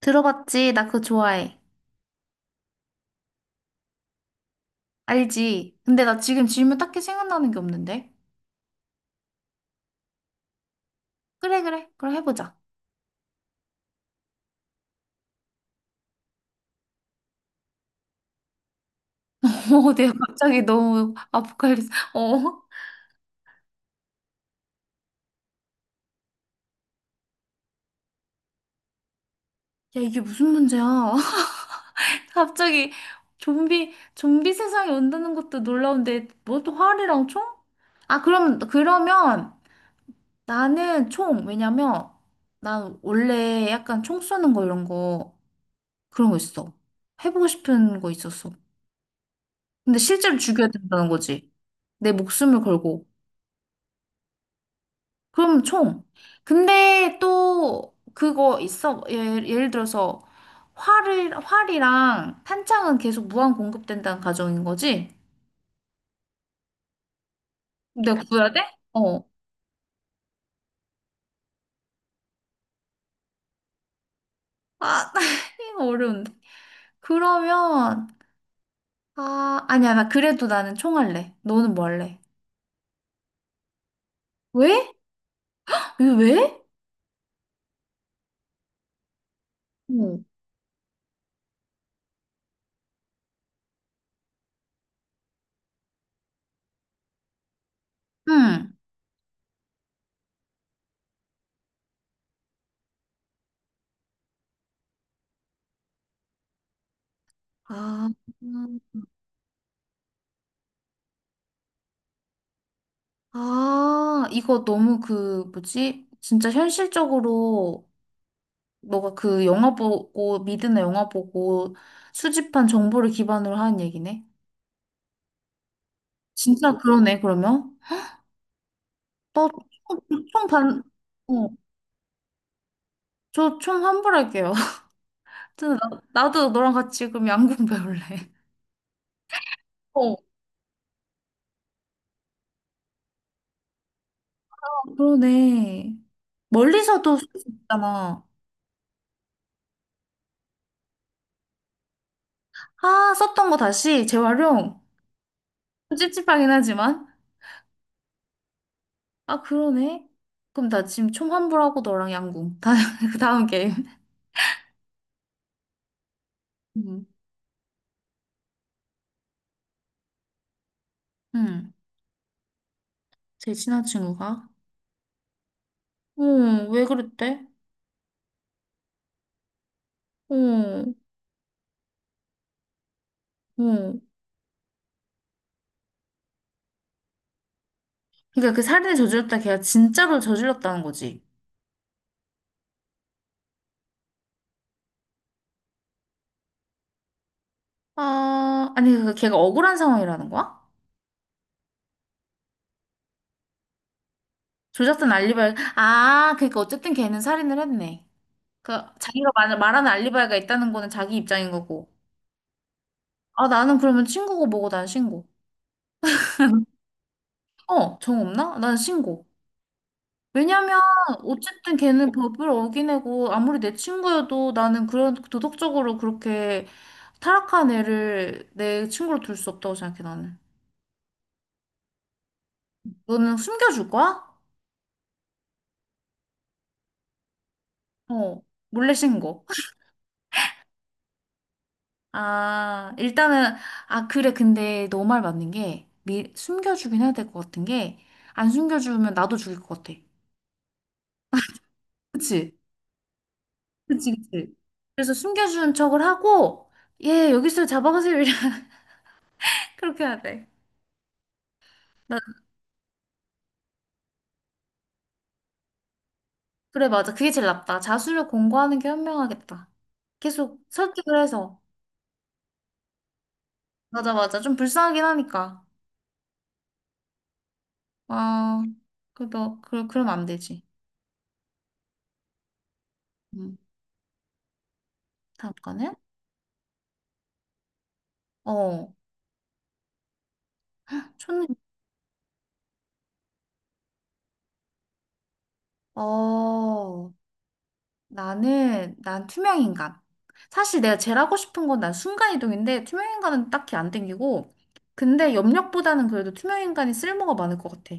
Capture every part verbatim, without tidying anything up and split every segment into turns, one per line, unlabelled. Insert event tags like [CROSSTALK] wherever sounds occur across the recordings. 들어봤지? 나 그거 좋아해. 알지? 근데 나 지금 질문 딱히 생각나는 게 없는데? 그래, 그래. 그럼 해보자. [LAUGHS] 어, 내가 갑자기 너무 아포칼립스. 어? 야, 이게 무슨 문제야? [LAUGHS] 갑자기 좀비, 좀비 세상이 온다는 것도 놀라운데, 뭐 또 활이랑 총? 아, 그럼, 그러면 나는 총. 왜냐면 난 원래 약간 총 쏘는 거 이런 거, 그런 거 있어. 해보고 싶은 거 있었어. 근데 실제로 죽여야 된다는 거지. 내 목숨을 걸고. 그럼 총. 근데 또 그거 있어. 예를, 예를 들어서 활을, 활이랑 탄창은 계속 무한 공급된다는 가정인 거지? 내가 구해야 돼? 어. 아, [LAUGHS] 이거 어려운데. 그러면, 아, 아니야. 나 그래도 나는 총 할래. 너는 뭐 할래? 왜? 이거 왜? 응. 응. 아, 음. 아, 이거 너무 그, 뭐지? 진짜 현실적으로 너가 그 영화 보고 미드나 영화 보고 수집한 정보를 기반으로 하는 얘기네. 진짜 그러네 그러면. 너총반 어, 저 총 환불할게요. [LAUGHS] 하여튼 나, 나도 너랑 같이 그럼 양궁 배울래. 어, 그러네. 멀리서도 쓸 수 있잖아. 아, 썼던 거 다시 재활용. 좀 찝찝하긴 하지만. 아, 그러네. 그럼 나 지금 총 환불하고 너랑 양궁. 다, [LAUGHS] 그 다음 게임. 음. 응. 제 친한 친구가. 응, 왜 그랬대? 응, 응. 그러니까 그 살인을 저질렀다 걔가 진짜로 저질렀다는 거지. 아, 아니 그 걔가 억울한 상황이라는 거야? 조작된 알리바이. 아, 그러니까 어쨌든 걔는 살인을 했네. 그 자기가 말, 말하는 알리바이가 있다는 거는 자기 입장인 거고. 아, 나는 그러면 친구고 뭐고 난 신고. [LAUGHS] 어, 정 없나? 난 신고. 왜냐면 어쨌든 걔는 법을 어기내고 아무리 내 친구여도 나는 그런 도덕적으로 그렇게 타락한 애를 내 친구로 둘 수 없다고 생각해 나는. 너는 숨겨줄 거야? 어, 몰래 신고. [LAUGHS] 아, 일단은 아 그래 근데 너 말 맞는 게 미, 숨겨주긴 해야 될 것 같은 게 안 숨겨주면 나도 죽일 것 같아. 그치? 그치 그치. 그래서 숨겨준 척을 하고 얘 여기서 잡아가세요. 이래. [LAUGHS] 그렇게 해야 돼. 그래, 맞아. 그게 제일 낫다. 자수를 공고하는 게 현명하겠다. 계속 설득을 해서. 맞아, 맞아. 좀 불쌍하긴 하니까. 아, 그래도, 그, 그럼 안 되지. 음, 다음 거는? 어, 촌, 어, 나는, 난 투명인간. 사실 내가 제일 하고 싶은 건 난 순간이동인데, 투명인간은 딱히 안 땡기고, 근데 염력보다는 그래도 투명인간이 쓸모가 많을 것 같아.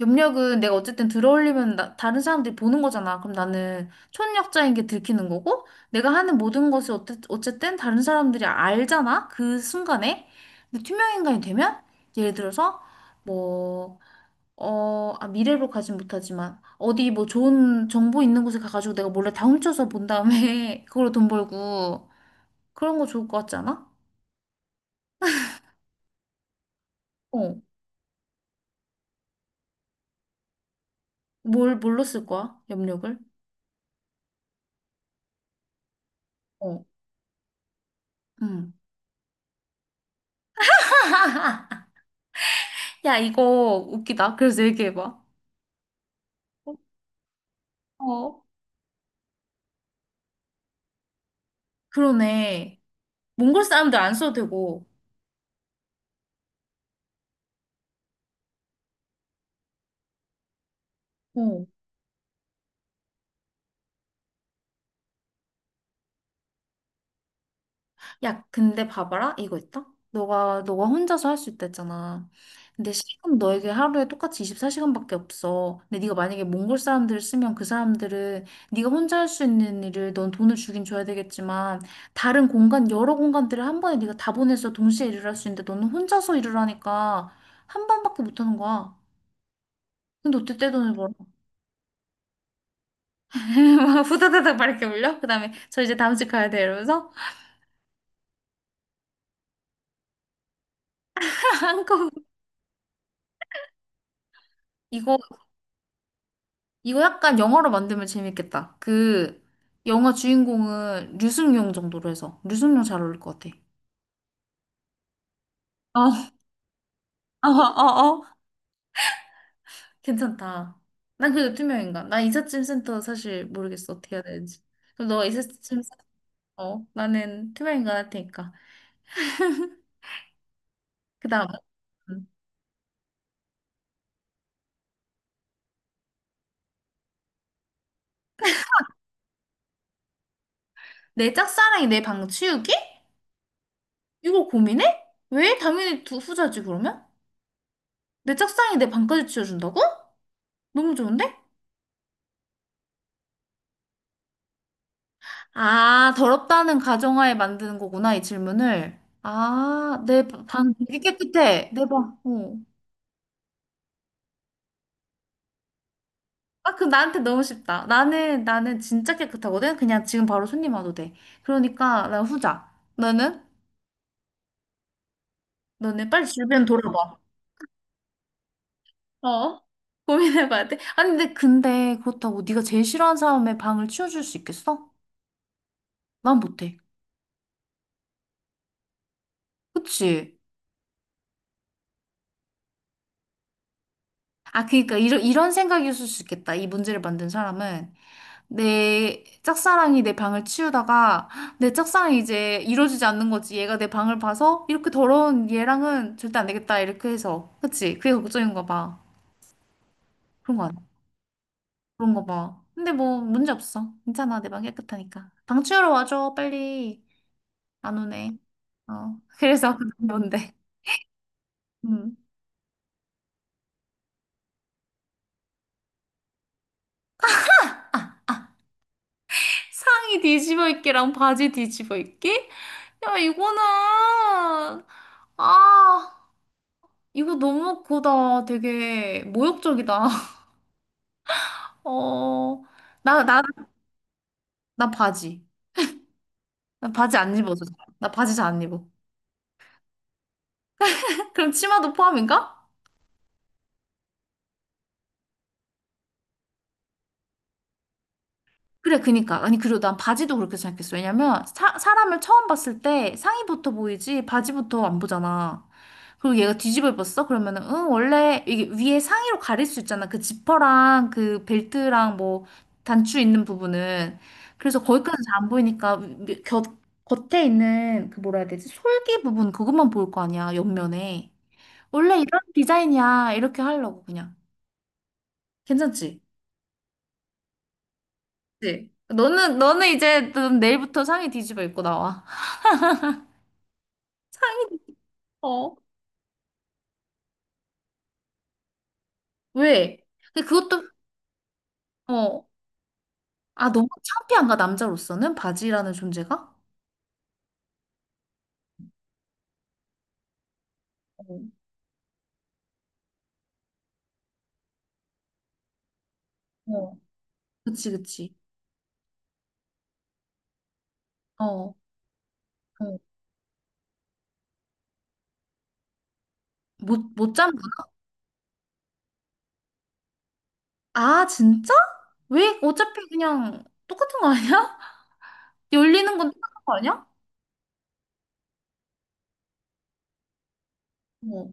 염력은 내가 어쨌든 들어올리면 나- 다른 사람들이 보는 거잖아. 그럼 나는 촌력자인 게 들키는 거고, 내가 하는 모든 것을 어때, 어쨌든 다른 사람들이 알잖아. 그 순간에. 근데 투명인간이 되면, 예를 들어서, 뭐, 어, 아, 미래로 가진 못하지만, 어디 뭐 좋은 정보 있는 곳에 가가지고 내가 몰래 다 훔쳐서 본 다음에, [LAUGHS] 그걸로 돈 벌고, 그런 거 좋을 것 같지 않아? 어. 뭘, 뭘로 쓸 거야? 염력을? 어. 음. [LAUGHS] 야, 이거 웃기다. 그래서 얘기해봐. 어, 그러네. 몽골 사람들 안 써도 되고. 어. 야, 근데 봐봐라. 이거 있다. 너가, 너가 혼자서 할 수 있다 했잖아. 근데 시간 너에게 하루에 똑같이 이십사 시간밖에 없어. 근데 네가 만약에 몽골 사람들을 쓰면 그 사람들은 네가 혼자 할 수 있는 일을 넌 돈을 주긴 줘야 되겠지만 다른 공간, 여러 공간들을 한 번에 네가 다 보내서 동시에 일을 할 수 있는데 너는 혼자서 일을 하니까 한 번밖에 못 하는 거야. 근데 어떻게 떼돈을 벌어? [LAUGHS] 후다다닥 막 이렇게 올려? 그다음에 저 이제 다음 집 가야 돼 이러면서 [LAUGHS] 한국 이거 이거 약간 영어로 만들면 재밌겠다. 그 영화 주인공은 류승룡 정도로 해서 류승룡 잘 어울릴 것 같아. 어, 어, 어, 어. 괜찮다. 난 그래도 투명인간. 나 이삿짐 센터 사실 모르겠어 어떻게 해야 되는지. 그럼 너 이삿짐 센터. 어, 나는 투명인간 할 테니까. 그다음 음. 내 짝사랑이 내 방 치우기? 이거 고민해? 왜? 당연히 두 후자지 그러면? 내 짝사랑이 내 방까지 치워준다고? 너무 좋은데? 아, 더럽다는 가정하에 만드는 거구나, 이 질문을. 아, 내 방 되게 깨끗해. 내 방. 어. 아, 그 나한테 너무 쉽다. 나는, 나는 진짜 깨끗하거든? 그냥 지금 바로 손님 와도 돼. 그러니까 난 후자. 너는? 너는 빨리 주변 돌아봐. 어? 고민해봐야 돼. 아니, 근데, 근데 그렇다고 네가 제일 싫어하는 사람의 방을 치워줄 수 있겠어? 난 못해. 그치? 아, 그러니까 이런, 이런 생각이었을 수 있겠다. 이 문제를 만든 사람은. 내 짝사랑이 내 방을 치우다가 내 짝사랑이 이제 이루어지지 않는 거지. 얘가 내 방을 봐서 이렇게 더러운 얘랑은 절대 안 되겠다. 이렇게 해서. 그치? 그게 걱정인가 봐. 그런 거 아니야? 그런 거 봐. 근데 뭐 문제 없어. 괜찮아. 내 방 깨끗하니까. 방 치우러 와줘. 빨리. 안 오네. 어. 그래서 [LAUGHS] 뭔데? 음. 상의 뒤집어 입기랑 바지 뒤집어 입기? 야, 이거는, 아, 이거 너무 그거다. 되게 모욕적이다. 어, 나, 나, 나 바지. 나 바지 안 입어서. 잘- 나 바지 잘 안 입어. [LAUGHS] 그럼 치마도 포함인가? 그래, 그니까. 아니, 그리고 난 바지도 그렇게 생각했어. 왜냐면, 사, 사람을 처음 봤을 때 상의부터 보이지, 바지부터 안 보잖아. 그리고 얘가 뒤집어 입었어? 그러면은, 응, 원래 이게 위에 상의로 가릴 수 있잖아. 그 지퍼랑 그 벨트랑 뭐, 단추 있는 부분은. 그래서 거기까지 잘 안 보이니까, 위- 곁, 겉에 있는 그 뭐라 해야 되지? 솔기 부분, 그것만 보일 거 아니야, 옆면에. 원래 이런 디자인이야. 이렇게 하려고 그냥. 괜찮지? 그치? 너는 너는 이제 넌 내일부터 상의 뒤집어 입고 나와. [LAUGHS] 상의 뒤집어. 어. 왜? 근데 그것도 어. 아, 너무 창피한가 남자로서는 바지라는 존재가? 어. 어. 그치, 그치. 어. 어. 못못 잠가? 아, 진짜? 왜? 어차피 그냥 똑같은 거 아니야? [LAUGHS] 열리는 건 똑같은 거 아니야? 어.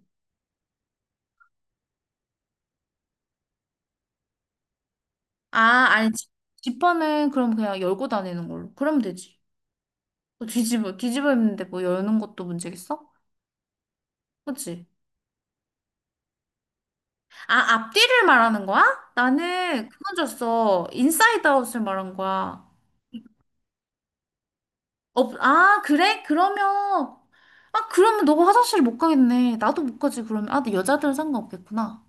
아, 아니, 지- 지퍼는 그럼 그냥 열고 다니는 걸로. 그러면 되지. 뭐 뒤집어, 뒤집어 입는데 뭐 여는 것도 문제겠어? 그치? 아, 앞뒤를 말하는 거야? 나는 그건 줬어. 인사이드 아웃을 말한 거야. 어, 아, 그래? 그러면, 아, 그러면 너가 화장실 못 가겠네. 나도 못 가지, 그러면. 아, 근데 여자들은 상관없겠구나.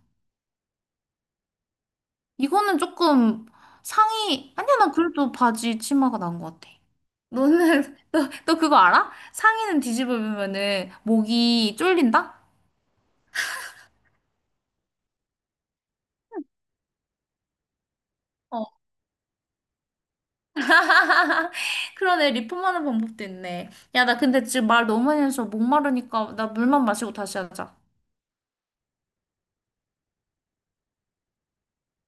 이거는 조금 상의, 아니야, 난 그래도 바지 치마가 나은 것 같아. 너는, [LAUGHS] 너, 너 그거 알아? 상의는 뒤집어 입으면은 목이 쫄린다? [LAUGHS] 그러네. 리폼하는 방법도 있네. 야, 나 근데 지금 말 너무 많이 해서 목마르니까 나 물만 마시고 다시 하자.